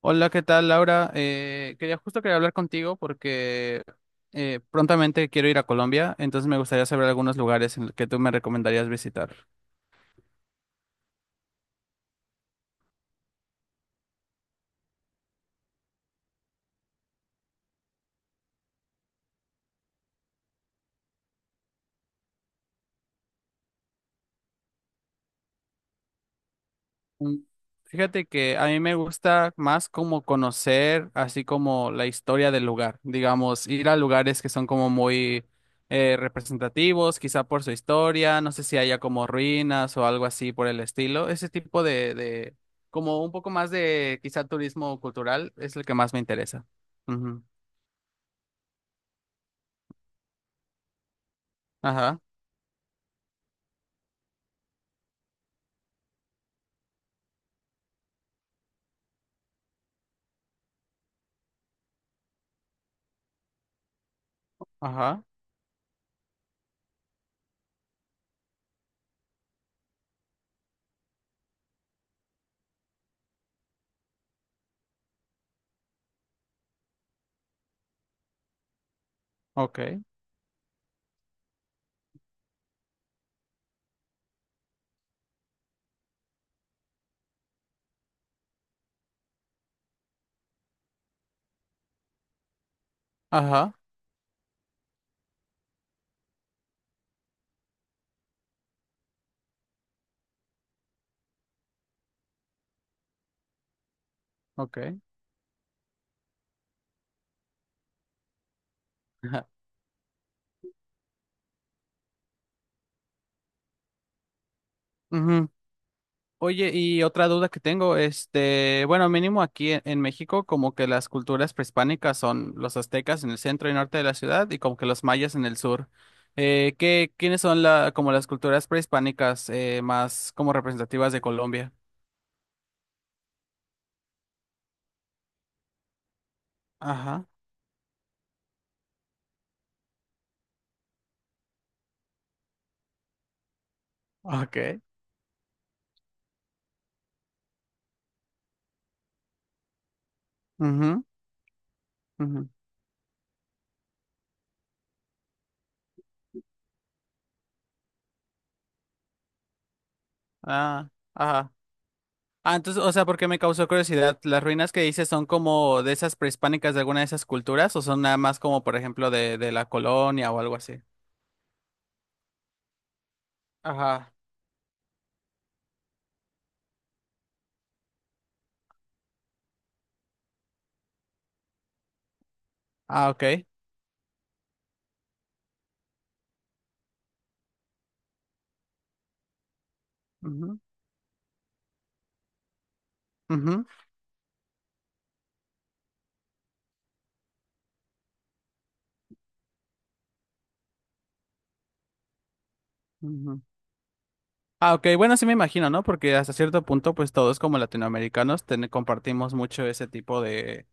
Hola, ¿qué tal, Laura? Quería hablar contigo porque prontamente quiero ir a Colombia, entonces me gustaría saber algunos lugares en los que tú me recomendarías visitar. Mm, Fíjate que a mí me gusta más como conocer así como la historia del lugar, digamos, ir a lugares que son como muy representativos, quizá por su historia, no sé si haya como ruinas o algo así por el estilo, ese tipo de como un poco más de quizá turismo cultural es el que más me interesa. Ujú. Ajá, ajá, ok, ajá, ok. Ajá. Oye, y otra duda que tengo, este, bueno, mínimo aquí en México, como que las culturas prehispánicas son los aztecas en el centro y norte de la ciudad y como que los mayas en el sur. ¿ quiénes son la, como las culturas prehispánicas más como representativas de Colombia? Ajá, ok. Ujú, ujú. Ah, ajá. Ah, entonces, o sea, porque me causó curiosidad, ¿las ruinas que dices son como de esas prehispánicas de alguna de esas culturas o son nada más como, por ejemplo, de la colonia o algo así? Ajá. Ah, ok. Ujú, ujú, ujú. Ah, ok, bueno, sí me imagino, ¿no? Porque hasta cierto punto, pues todos como latinoamericanos compartimos mucho ese tipo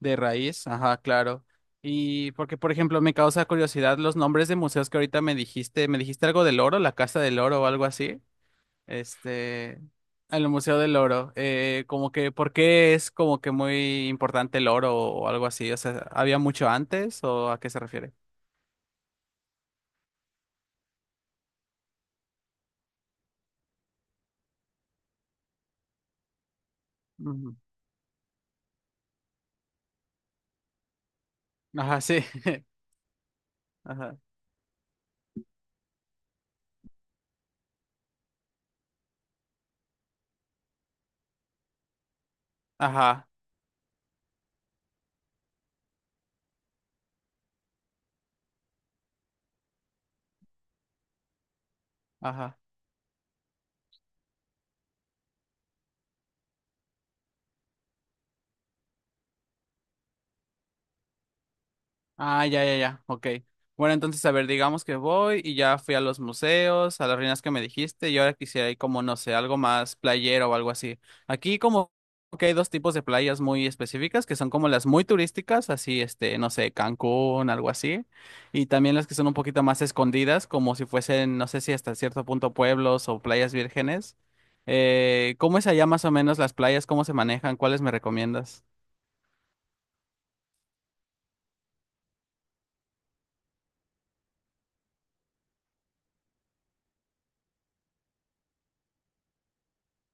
de raíz, ajá, claro. Y porque, por ejemplo, me causa curiosidad los nombres de museos que ahorita me dijiste algo del oro, la Casa del Oro o algo así, este, el Museo del Oro, como que, ¿por qué es como que muy importante el oro o algo así? O sea, ¿había mucho antes o a qué se refiere? Ujú. Ajá, sí, ajá, ajá, ajá. Ah, ya, ya, ya, ok. Bueno, entonces, a ver, digamos que voy y ya fui a los museos, a las ruinas que me dijiste, y ahora quisiera ir como, no sé, algo más playero o algo así. Aquí como que hay dos tipos de playas muy específicas, que son como las muy turísticas, así, este, no sé, Cancún, algo así, y también las que son un poquito más escondidas, como si fuesen, no sé si hasta cierto punto pueblos o playas vírgenes. ¿Cómo es allá más o menos las playas? ¿Cómo se manejan? ¿Cuáles me recomiendas?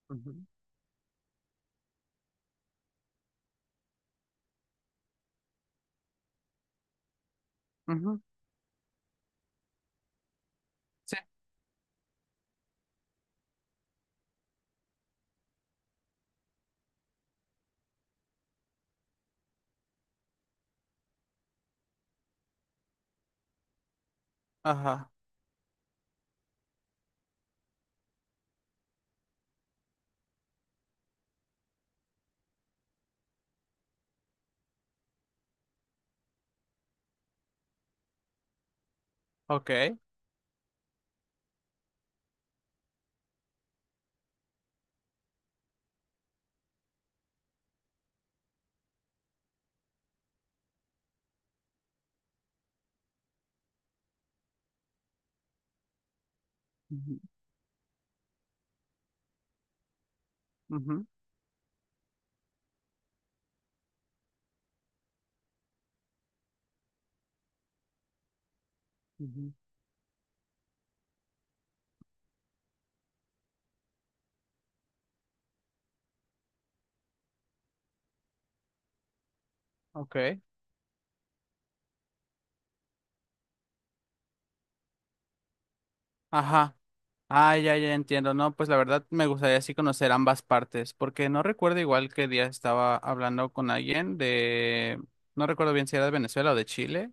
Ujú, ujú. Sí. Ajá, ok. Ujú, ujú, ujú, ok. Ajá. Ah, ya, ya entiendo. No, pues la verdad me gustaría así conocer ambas partes, porque no recuerdo igual qué día estaba hablando con alguien de, no recuerdo bien si era de Venezuela o de Chile.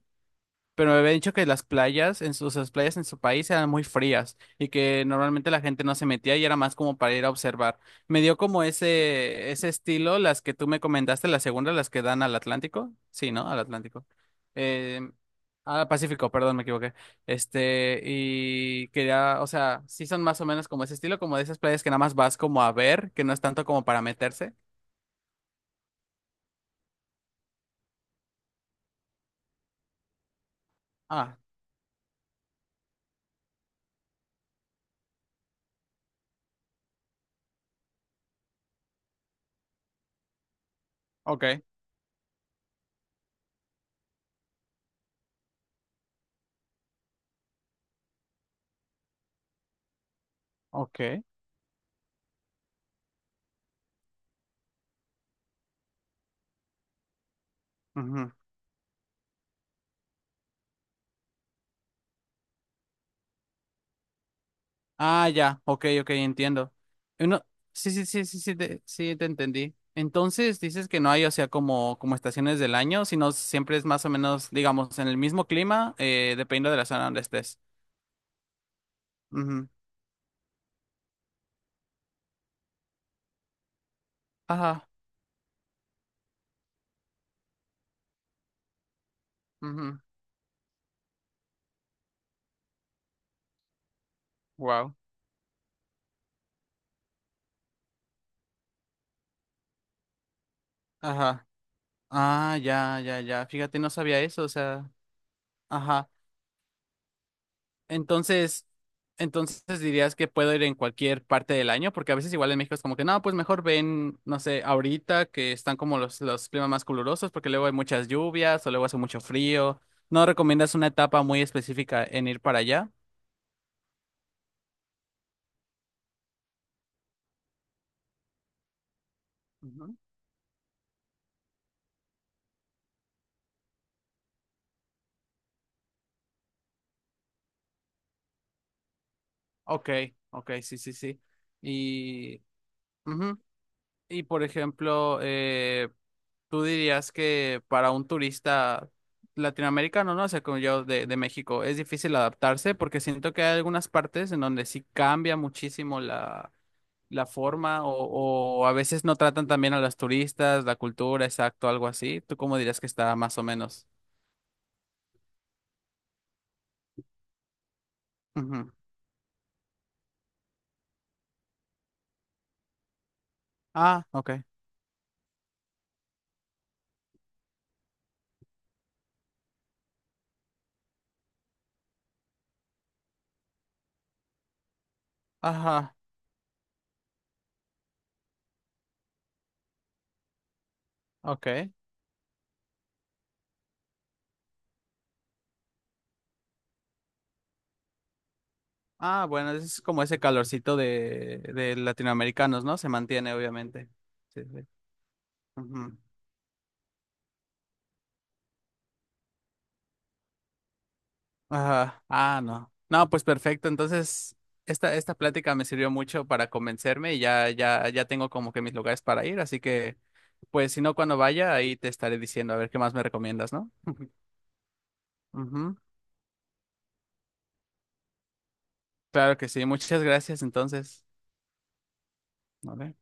Pero me había dicho que las playas en su país eran muy frías y que normalmente la gente no se metía y era más como para ir a observar. Me dio como ese estilo las que tú me comentaste, las segundas, las que dan al Atlántico. Sí, ¿no? Al Atlántico. Eh, al Pacífico, perdón, me equivoqué. Este, y que ya, o sea, sí son más o menos como ese estilo, como de esas playas que nada más vas como a ver, que no es tanto como para meterse. Ah, ok, ok. Ujú. Ah, ya, ok, ok, entiendo. Uno, sí, sí, sí, sí, sí, te entendí. Entonces dices que no hay, o sea, como, como estaciones del año, sino siempre es más o menos, digamos, en el mismo clima, dependiendo de la zona donde estés. Ujú. Ajá. Wow. Ajá. Ah, ya, ya, ya. Fíjate, no sabía eso, o sea, ajá. Entonces, entonces dirías que puedo ir en cualquier parte del año, porque a veces igual en México es como que no, pues mejor ven, no sé, ahorita que están como los climas más calurosos, porque luego hay muchas lluvias o luego hace mucho frío. ¿No recomiendas una etapa muy específica en ir para allá? Ujú. Ok, ok, sí, sí, sí. Y ujú. Y por ejemplo, tú dirías que para un turista latinoamericano, ¿no? O sea, como yo de México, es difícil adaptarse porque siento que hay algunas partes en donde sí cambia muchísimo la, la forma o a veces no tratan también a las turistas, la cultura, exacto, algo así. ¿Tú cómo dirías que está más o menos? Ujú. Ah, ok. Ajá, ok. Ah, bueno, es como ese calorcito de latinoamericanos, ¿no? Se mantiene, obviamente. Sí, sí. Ujú. Ajá. Ah, no. No, pues perfecto. Entonces, esta plática me sirvió mucho para convencerme y ya, ya, ya tengo como que mis lugares para ir. Así que, pues, si no, cuando vaya, ahí te estaré diciendo a ver qué más me recomiendas, ¿no? Ujú. Claro que sí. Muchas gracias, entonces. Vale.